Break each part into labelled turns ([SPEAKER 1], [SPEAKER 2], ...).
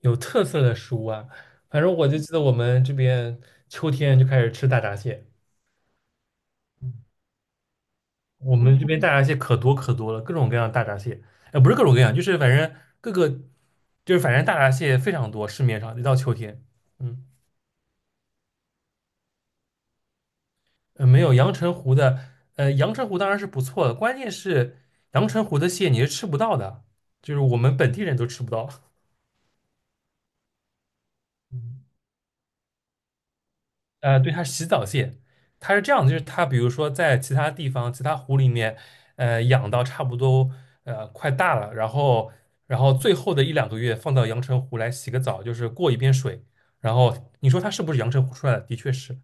[SPEAKER 1] 有特色的食物啊，反正我就记得我们这边秋天就开始吃大闸蟹，我们这边大闸蟹可多可多了，各种各样的大闸蟹。哎，不是各种各样，就是反正各个，就是反正大闸蟹非常多，市面上一到秋天。嗯，没有阳澄湖的，阳澄湖当然是不错的，关键是阳澄湖的蟹你是吃不到的，就是我们本地人都吃不到。嗯对，它是洗澡蟹。它是这样的，就是它比如说在其他地方、其他湖里面，养到差不多快大了，然后最后的一两个月放到阳澄湖来洗个澡，就是过一遍水。然后你说它是不是阳澄湖出来的？的确是。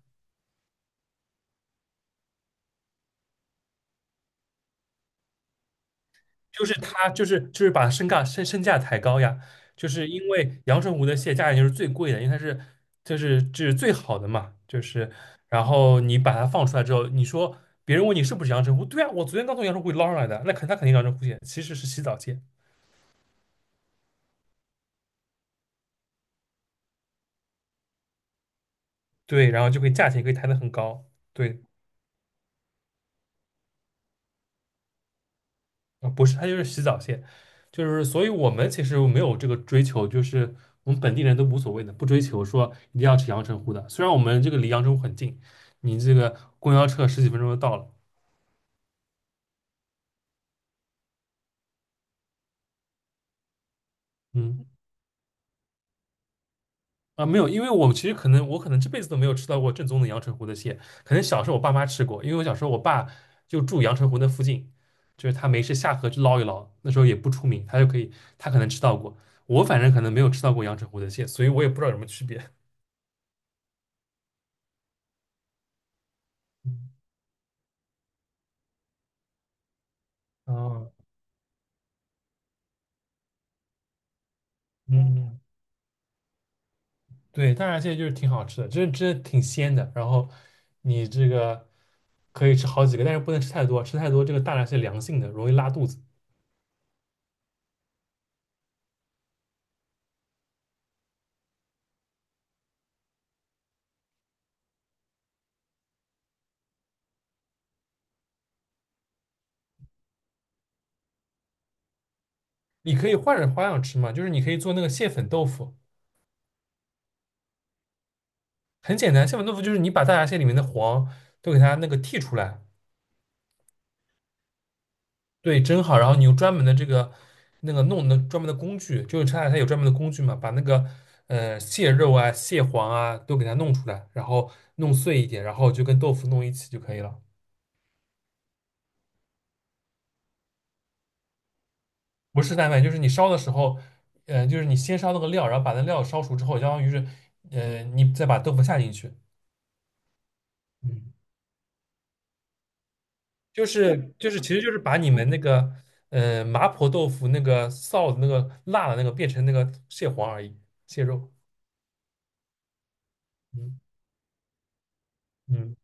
[SPEAKER 1] 就是它就是把身价抬高呀，就是因为阳澄湖的蟹价钱就是最贵的，因为它就是最好的嘛。就是然后你把它放出来之后，你说别人问你是不是阳澄湖，对啊，我昨天刚从阳澄湖里捞上来的，那他肯定阳澄湖蟹，其实是洗澡蟹。对，然后就可以价钱可以抬得很高。对。啊，不是，它就是洗澡蟹。就是所以我们其实没有这个追求，就是我们本地人都无所谓的，不追求说一定要吃阳澄湖的。虽然我们这个离阳澄湖很近，你这个公交车十几分钟就到了。嗯。啊，没有，因为我其实可能这辈子都没有吃到过正宗的阳澄湖的蟹。可能小时候我爸妈吃过，因为我小时候我爸就住阳澄湖那附近，就是他没事下河去捞一捞，那时候也不出名，他就可以，他可能吃到过。我反正可能没有吃到过阳澄湖的蟹，所以我也不知道有什么区别。嗯。哦。嗯，对，大闸蟹就是挺好吃的，真真的挺鲜的。然后你这个可以吃好几个，但是不能吃太多，吃太多这个大闸蟹凉性的，容易拉肚子。你可以换着花样吃嘛，就是你可以做那个蟹粉豆腐，很简单。蟹粉豆腐就是你把大闸蟹里面的黄都给它那个剔出来。对，蒸好，然后你用专门的这个那个弄的专门的工具，就是大闸蟹有专门的工具嘛，把那个蟹肉啊、蟹黄啊都给它弄出来，然后弄碎一点，然后就跟豆腐弄一起就可以了。不是蛋白，就是你烧的时候，就是你先烧那个料，然后把那料烧熟之后，相当于是，你再把豆腐下进去。嗯，其实就是把你们那个，麻婆豆腐那个臊的那个辣的那个变成那个蟹黄而已，蟹肉。嗯。嗯，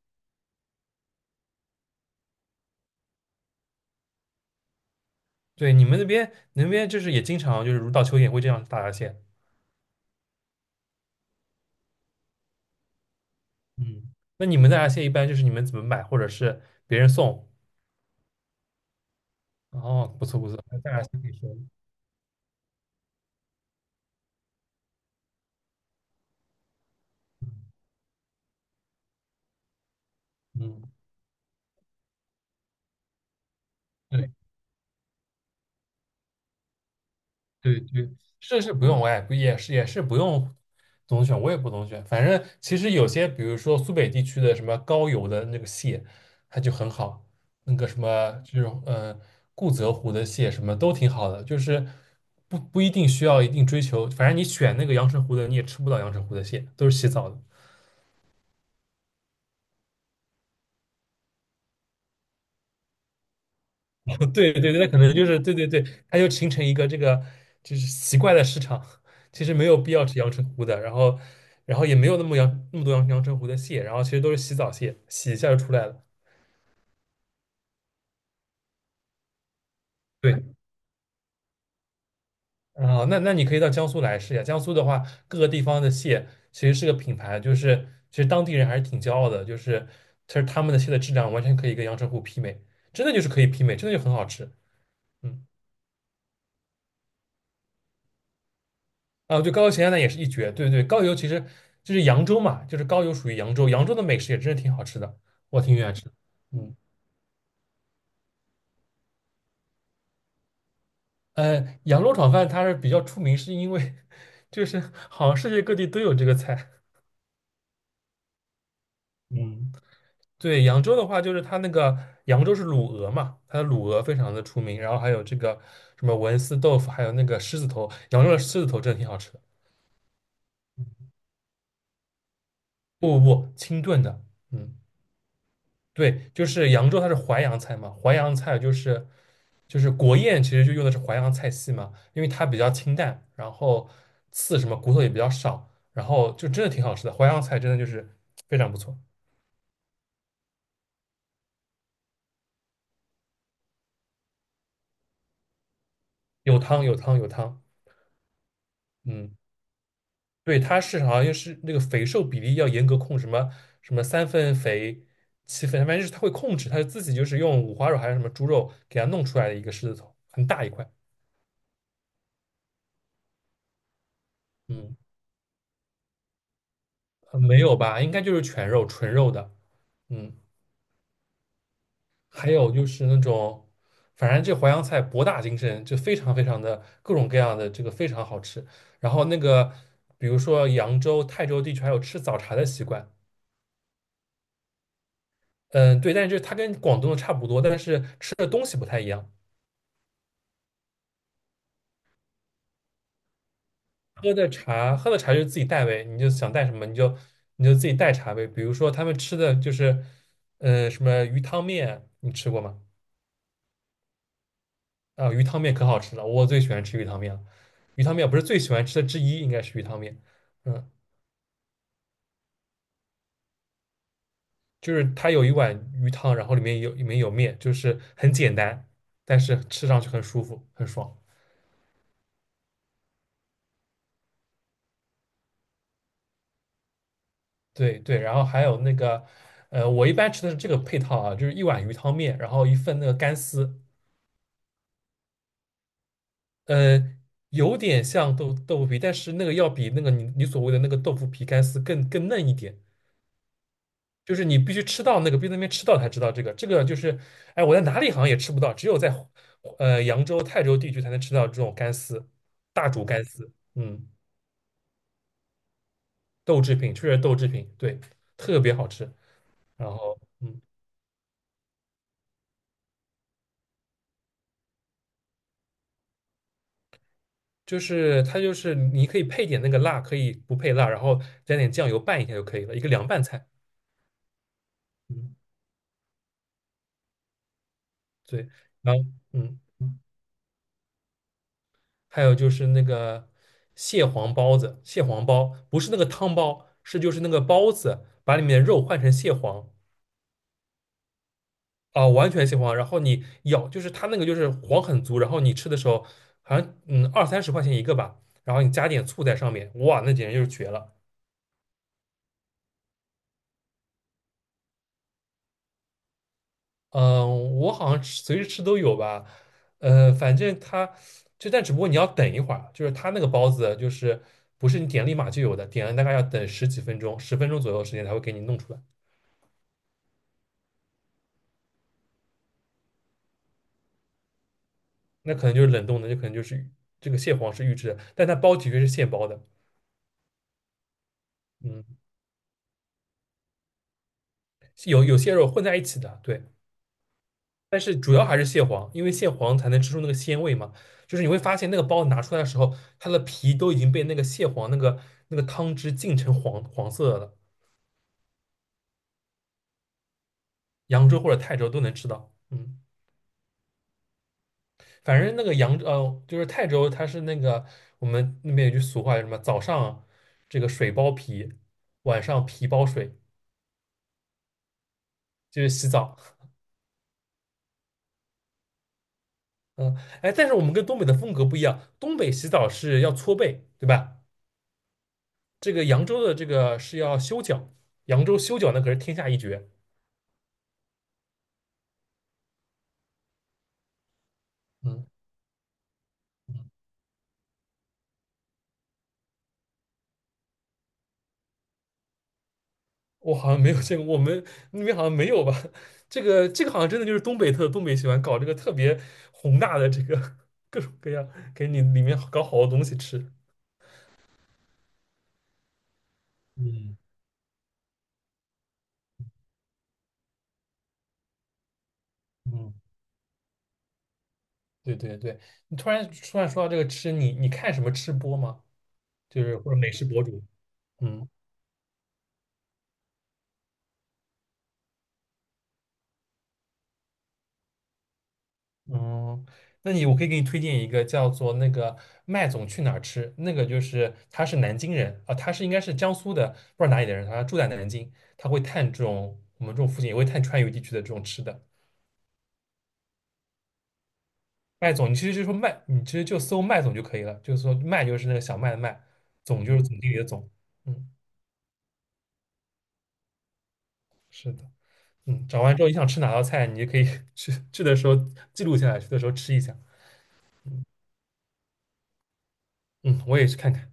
[SPEAKER 1] 对，你们那边就是也经常就是如到秋天会这样大闸蟹。嗯，那你们大闸蟹一般就是你们怎么买，或者是别人送？哦，不错不错，大闸蟹可以说。嗯，对。对对，是是不用，我也不用总选，我也不总选。反正其实有些，比如说苏北地区的什么高邮的那个蟹，它就很好，那个什么这种固泽湖的蟹什么都挺好的。就是不一定需要一定追求，反正你选那个阳澄湖的，你也吃不到阳澄湖的蟹，都是洗澡的。对对对，那可能就是对对对，它就形成一个这个就是奇怪的市场。其实没有必要吃阳澄湖的，然后也没有那么多阳澄湖的蟹，然后其实都是洗澡蟹，洗一下就出来了。对。啊、那你可以到江苏来试一下，江苏的话各个地方的蟹其实是个品牌，就是其实当地人还是挺骄傲的，就是其实他们的蟹的质量完全可以跟阳澄湖媲美，真的就是可以媲美，真的就很好吃。嗯。啊，对，高邮咸鸭蛋也是一绝。对对，高邮其实就是扬州嘛，就是高邮属于扬州，扬州的美食也真是挺好吃的，我挺喜欢吃的。嗯，扬州炒饭它是比较出名，是因为 就是好像世界各地都有这个菜。嗯。对，扬州的话就是它那个扬州是卤鹅嘛，它的卤鹅非常的出名，然后还有这个什么文思豆腐，还有那个狮子头，扬州的狮子头真的挺好吃的。不不不，清炖的。嗯。对，就是扬州它是淮扬菜嘛，淮扬菜就是国宴，其实就用的是淮扬菜系嘛，因为它比较清淡，然后刺什么骨头也比较少，然后就真的挺好吃的，淮扬菜真的就是非常不错。有汤有汤有汤。嗯，对，它是好像又是那个肥瘦比例要严格控，什么三分肥七分，反正就是它会控制，它自己就是用五花肉还是什么猪肉给它弄出来的一个狮子头，很大一块。嗯，没有吧，应该就是全肉纯肉的。嗯。还有就是那种，反正这淮扬菜博大精深，就非常非常的各种各样的这个非常好吃。然后那个，比如说扬州、泰州地区还有吃早茶的习惯。嗯，对，但是就它跟广东的差不多，但是吃的东西不太一样。喝的茶，喝的茶就是自己带呗，你就想带什么你就自己带茶呗。比如说他们吃的就是，什么鱼汤面，你吃过吗？啊，鱼汤面可好吃了，我最喜欢吃鱼汤面了。鱼汤面不是最喜欢吃的之一，应该是鱼汤面。嗯。就是它有一碗鱼汤，然后里面有面，就是很简单，但是吃上去很舒服，很爽。对对，然后还有那个，我一般吃的是这个配套啊，就是一碗鱼汤面，然后一份那个干丝。呃，有点像豆腐皮，但是那个要比那个你所谓的那个豆腐皮干丝更嫩一点，就是你必须吃到那个，必须在那边吃到才知道这个，这个就是，哎，我在哪里好像也吃不到，只有在扬州、泰州地区才能吃到这种干丝，大煮干丝。嗯。豆制品，确实豆制品。对，特别好吃。然后，嗯，就是它就是你可以配点那个辣，可以不配辣，然后加点酱油拌一下就可以了，一个凉拌菜。嗯，对。然后，嗯，还有就是那个蟹黄包子。蟹黄包不是那个汤包，是就是那个包子，把里面的肉换成蟹黄啊、完全蟹黄。然后你咬，就是它那个就是黄很足，然后你吃的时候好像嗯二三十块钱一个吧，然后你加点醋在上面，哇，那简直就是绝了。嗯，我好像吃随时吃都有吧。反正它就但只不过你要等一会儿，就是它那个包子就是不是你点立马就有的，点了大概要等十几分钟，10分钟左右的时间才会给你弄出来。那可能就是冷冻的，就可能就是这个蟹黄是预制的，但它包的确是现包的。嗯，有有蟹肉混在一起的。对，但是主要还是蟹黄，因为蟹黄才能吃出那个鲜味嘛。就是你会发现那个包子拿出来的时候，它的皮都已经被那个蟹黄那个那个汤汁浸成黄黄色的了。扬州或者泰州都能吃到。嗯，反正那个就是泰州，它是那个我们那边有句俗话，叫什么？早上这个水包皮，晚上皮包水，就是洗澡。嗯，哎，但是我们跟东北的风格不一样，东北洗澡是要搓背，对吧？这个扬州的这个是要修脚，扬州修脚那可是天下一绝。嗯，我好像没有见过，我们那边好像没有吧？这个好像真的就是东北特，东北喜欢搞这个特别宏大的这个 各种各样，给你里面搞好多东西吃。嗯。嗯，对对对，你突然说到这个吃，你看什么吃播吗？就是或者美食博主？嗯。嗯，那你我可以给你推荐一个叫做那个麦总去哪儿吃。那个就是他是南京人啊，他是应该是江苏的，不知道哪里的人，他住在南京。他会探这种我们这种附近，也会探川渝地区的这种吃的。麦总，你其实就说麦，你其实就搜麦总就可以了，就是说麦就是那个小麦的麦，总就是总经理的总。嗯，是的。嗯，找完之后你想吃哪道菜，你就可以 去的时候记录下来，去的时候吃一下。嗯，我也去看看。